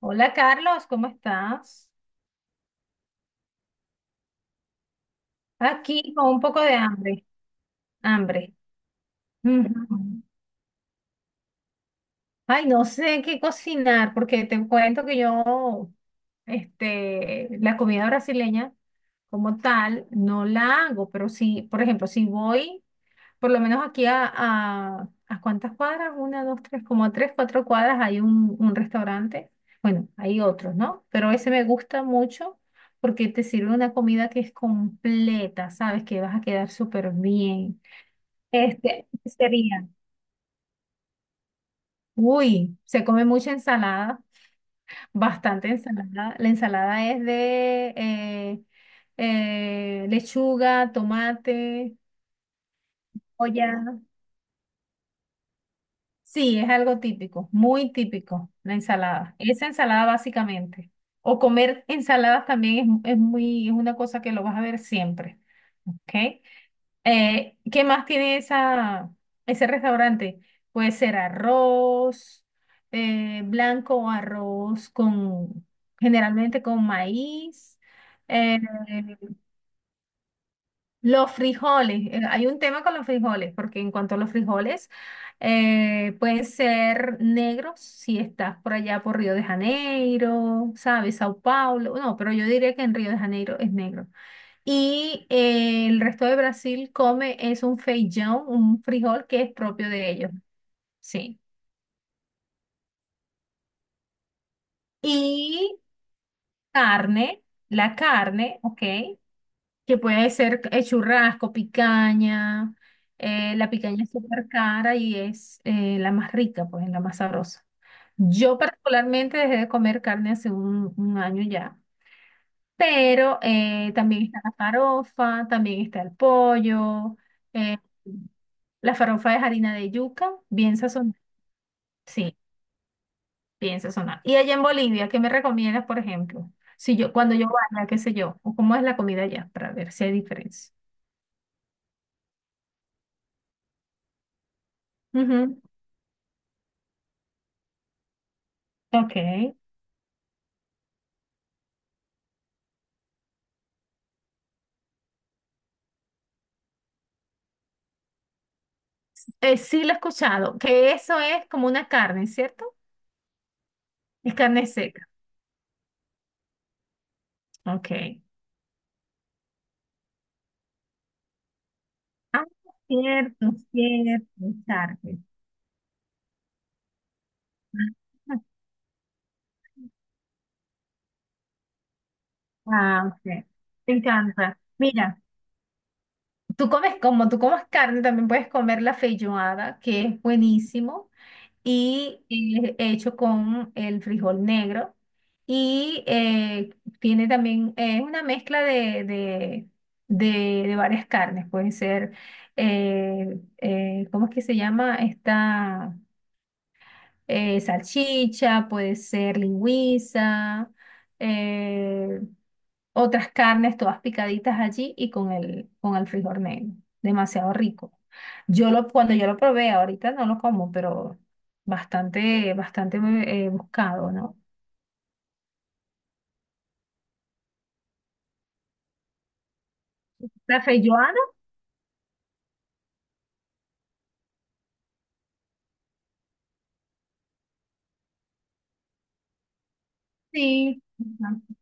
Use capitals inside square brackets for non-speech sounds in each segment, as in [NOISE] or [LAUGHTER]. Hola Carlos, ¿cómo estás? Aquí con un poco de hambre, hambre. Ujú. Ay, no sé qué cocinar, porque te cuento que yo, la comida brasileña como tal, no la hago, pero sí, por ejemplo, si voy, por lo menos aquí ¿a cuántas cuadras? Una, dos, tres, como a tres, cuatro cuadras hay un restaurante. Bueno, hay otros, ¿no? Pero ese me gusta mucho porque te sirve una comida que es completa, ¿sabes? Que vas a quedar súper bien. Este, sería. Uy, se come mucha ensalada. Bastante ensalada. La ensalada es de lechuga, tomate, olla. Sí, es algo típico, muy típico, la ensalada. Esa ensalada básicamente. O comer ensaladas también es muy, es una cosa que lo vas a ver siempre, ¿ok? ¿Qué más tiene ese restaurante? Puede ser arroz blanco o arroz con, generalmente con maíz. eh, los frijoles, hay un tema con los frijoles, porque en cuanto a los frijoles, pueden ser negros si estás por allá por Río de Janeiro, ¿sabes? Sao Paulo, no, pero yo diría que en Río de Janeiro es negro. Y el resto de Brasil come es un feijão, un frijol que es propio de ellos, sí. Y carne, la carne, ¿ok? Que puede ser churrasco, picaña. La picaña es súper cara y es la más rica, pues, la más sabrosa. Yo particularmente dejé de comer carne hace un año ya. Pero también está la farofa, también está el pollo. eh, la farofa es harina de yuca, bien sazonada. Sí, bien sazonada. Y allá en Bolivia, ¿qué me recomiendas, por ejemplo? Si yo, cuando yo vaya, qué sé yo, o cómo es la comida allá, para ver si hay diferencia. Ujú. Ok. Sí, lo he escuchado, que eso es como una carne, ¿cierto? Es carne seca. Ok. Ah, cierto, cierto, carne. Ah, ok. Me encanta. Mira, tú comes carne, también puedes comer la feijoada, que es buenísimo, y hecho con el frijol negro. Y tiene también, es una mezcla de varias carnes. Pueden ser, ¿cómo es que se llama esta? Salchicha, puede ser lingüiza, eh, otras carnes todas picaditas allí y con con el frijol negro. Demasiado rico. Cuando yo lo probé, ahorita no lo como, pero bastante, bastante buscado, ¿no? ¿La feijoada? Sí. Ajá.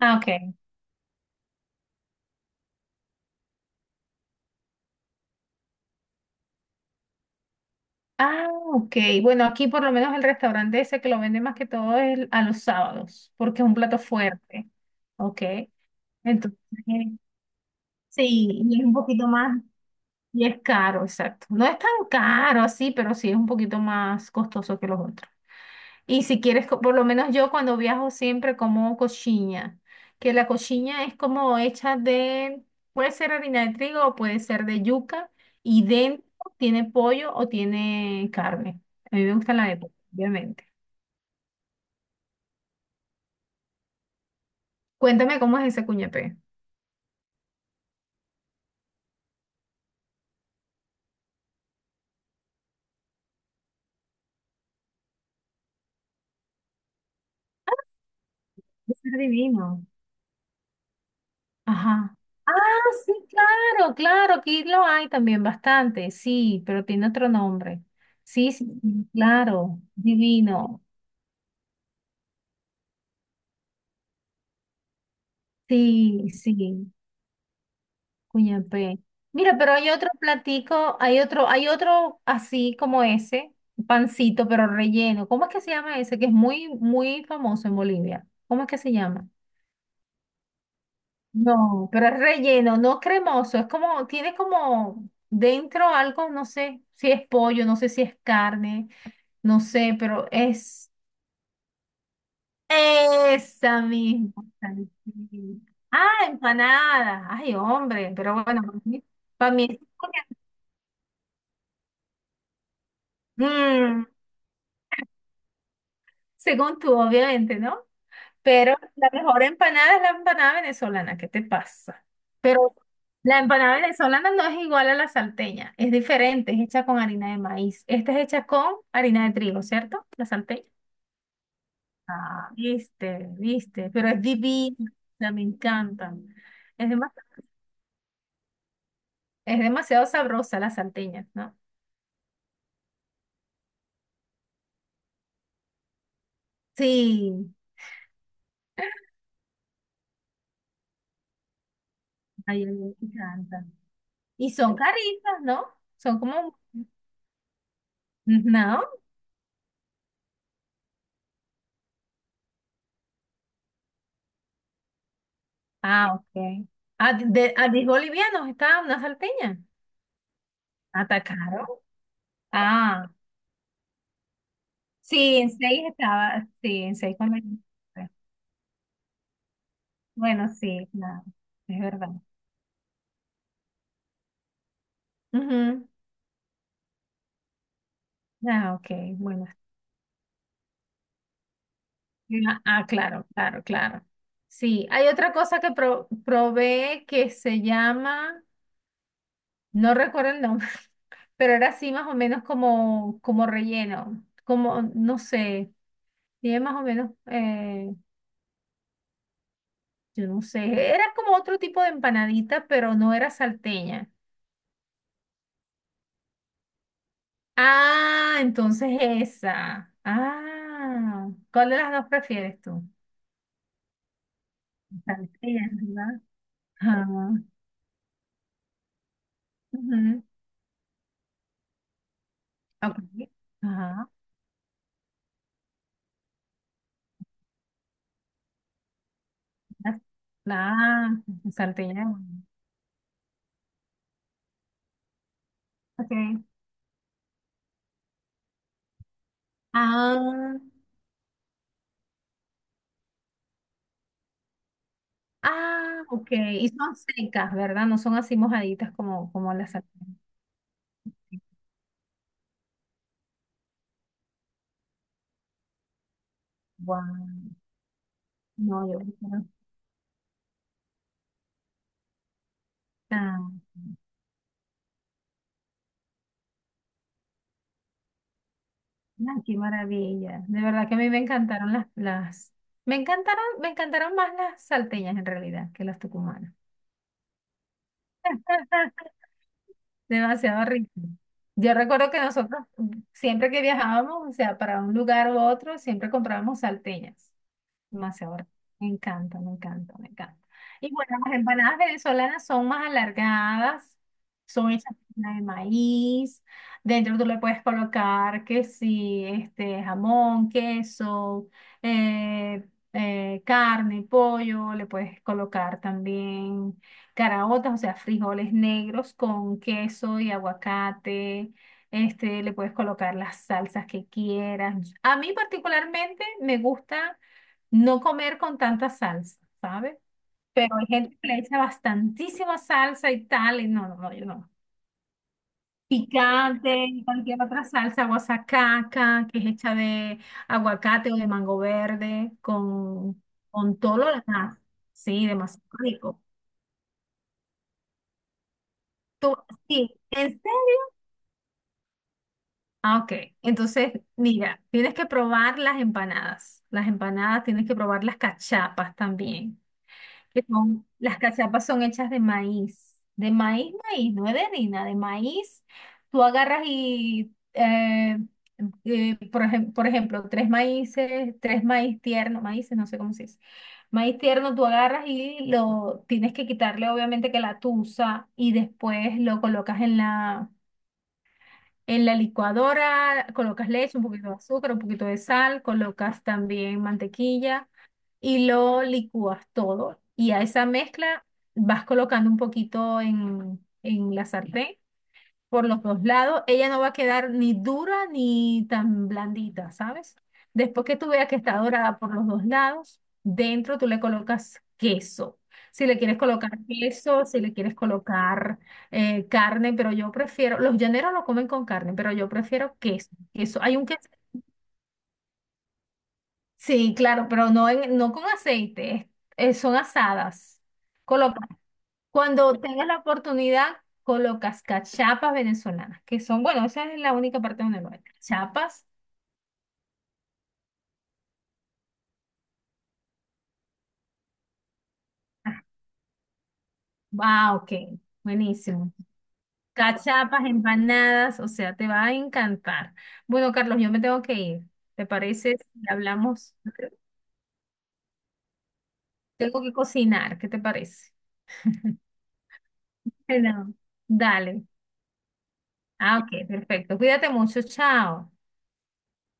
Ah, ok. Ah, ok. Bueno, aquí por lo menos el restaurante ese que lo vende más que todo es a los sábados, porque es un plato fuerte. Ok. Entonces, sí, y es un poquito más, y es caro, exacto. No es tan caro así, pero sí es un poquito más costoso que los otros. Y si quieres, por lo menos yo cuando viajo siempre como coxinha, que la coxinha es como hecha de, puede ser harina de trigo o puede ser de yuca, y dentro tiene pollo o tiene carne. A mí me gusta la de pollo, obviamente. Cuéntame cómo es ese cuñapé. Debe ser divino. Ajá. Ah, sí, claro, claro, aquí lo hay también bastante, sí, pero tiene otro nombre. Sí, sí, sí, claro, divino. Sí, sí, cuñapé. Mira, pero hay otro platico, hay otro así como ese, pancito, pero relleno. ¿Cómo es que se llama ese? Que es muy, muy famoso en Bolivia. ¿Cómo es que se llama? No, pero es relleno, no cremoso, es como, tiene como dentro algo, no sé si es pollo, no sé si es carne. No sé, pero es esa misma. Salchicha. Ah, empanada. Ay, hombre, pero bueno, para mí es. Mm, según tú, obviamente, ¿no? Pero la mejor empanada es la empanada venezolana, ¿qué te pasa? Pero la empanada venezolana no es igual a la salteña, es diferente, es hecha con harina de maíz. Esta es hecha con harina de trigo, ¿cierto? La salteña. Ah, viste, viste, pero es divina, me encanta. Es demasiado. Es demasiado sabrosa la salteña, ¿no? Sí, ay, a mí me encanta. Y son caritas, ¿no? Son como... No. Ah, ok. ¿A de, a 10 bolivianos estaba una salteña? ¿Atacaron? Ah, sí, en 6 estaba, sí, en 6 con 23. Bueno, sí, claro, es verdad. Ujú. Ah, ok, bueno. Ah, ah, claro, claro, claro. Sí, hay otra cosa que probé que se llama... No recuerdo el nombre, [LAUGHS] pero era así más o menos como, como relleno, como, no sé, tiene más o menos, yo no sé, era como otro tipo de empanadita, pero no era salteña. Ah, entonces esa. Ah, ¿cuál de las dos prefieres tú? Salteña, ¿verdad? Ajá. Ujú, ok. Ajá. Ah, salteña. Okay. Ah. Ah, ok. Y son secas, ¿verdad? No son así mojaditas como, como las sartenes. Guau. No, yo prefiero-. Ah, ah, qué maravilla. De verdad que a mí me encantaron las... me encantaron más las salteñas en realidad que las tucumanas. [LAUGHS] Demasiado rico. Yo recuerdo que nosotros mm, siempre que viajábamos, o sea, para un lugar u otro, siempre comprábamos salteñas. Demasiado rico. Me encanta, me encanta, me encanta. Y bueno, las empanadas venezolanas son más alargadas, son hechas con harina de maíz. Dentro tú le puedes colocar que sí, este, jamón, queso, carne, pollo, le puedes colocar también caraotas, o sea, frijoles negros con queso y aguacate. Este, le puedes colocar las salsas que quieras. A mí particularmente me gusta no comer con tanta salsa, ¿sabes? Pero hay gente que le echa bastantísima salsa y tal, y no, no, no, yo no. Picante y cualquier otra salsa, guasacaca, que es hecha de aguacate o de mango verde, con todo lo demás. Sí, demasiado rico. Tú, sí, ¿en serio? Ah, ok. Entonces, mira, tienes que probar las empanadas. Las empanadas, tienes que probar las cachapas también. Que son-, las cachapas son hechas de maíz, maíz, no es de harina, de maíz. Tú agarras y, por ejemplo, tres maíces, tres maíz tierno, maíces, no sé cómo se dice. Maíz tierno, tú agarras y lo tienes que quitarle, obviamente, que la tusa y después lo colocas en en la licuadora, colocas leche, un poquito de azúcar, un poquito de sal, colocas también mantequilla y lo licúas todo. Y a esa mezcla vas colocando un poquito en la sartén por los dos lados. Ella no va a quedar ni dura ni tan blandita, ¿sabes? Después que tú veas que está dorada por los dos lados, dentro tú le colocas queso. Si le quieres colocar queso, si le quieres colocar carne, pero yo prefiero, los llaneros lo comen con carne, pero yo prefiero queso. Queso. Hay un queso. Sí, claro, pero no, en, no con aceite, es-, son asadas. Coloca, cuando tengas la oportunidad, colocas cachapas venezolanas, que son, bueno, esa es la única parte donde lo hay cachapas. Ah, ah, ok, buenísimo. Cachapas, empanadas, o sea, te va a encantar. Bueno, Carlos, yo me tengo que ir. ¿Te parece si hablamos? Tengo que cocinar, ¿qué te parece? Bueno. Dale. Ah, ok, perfecto. Cuídate mucho, chao.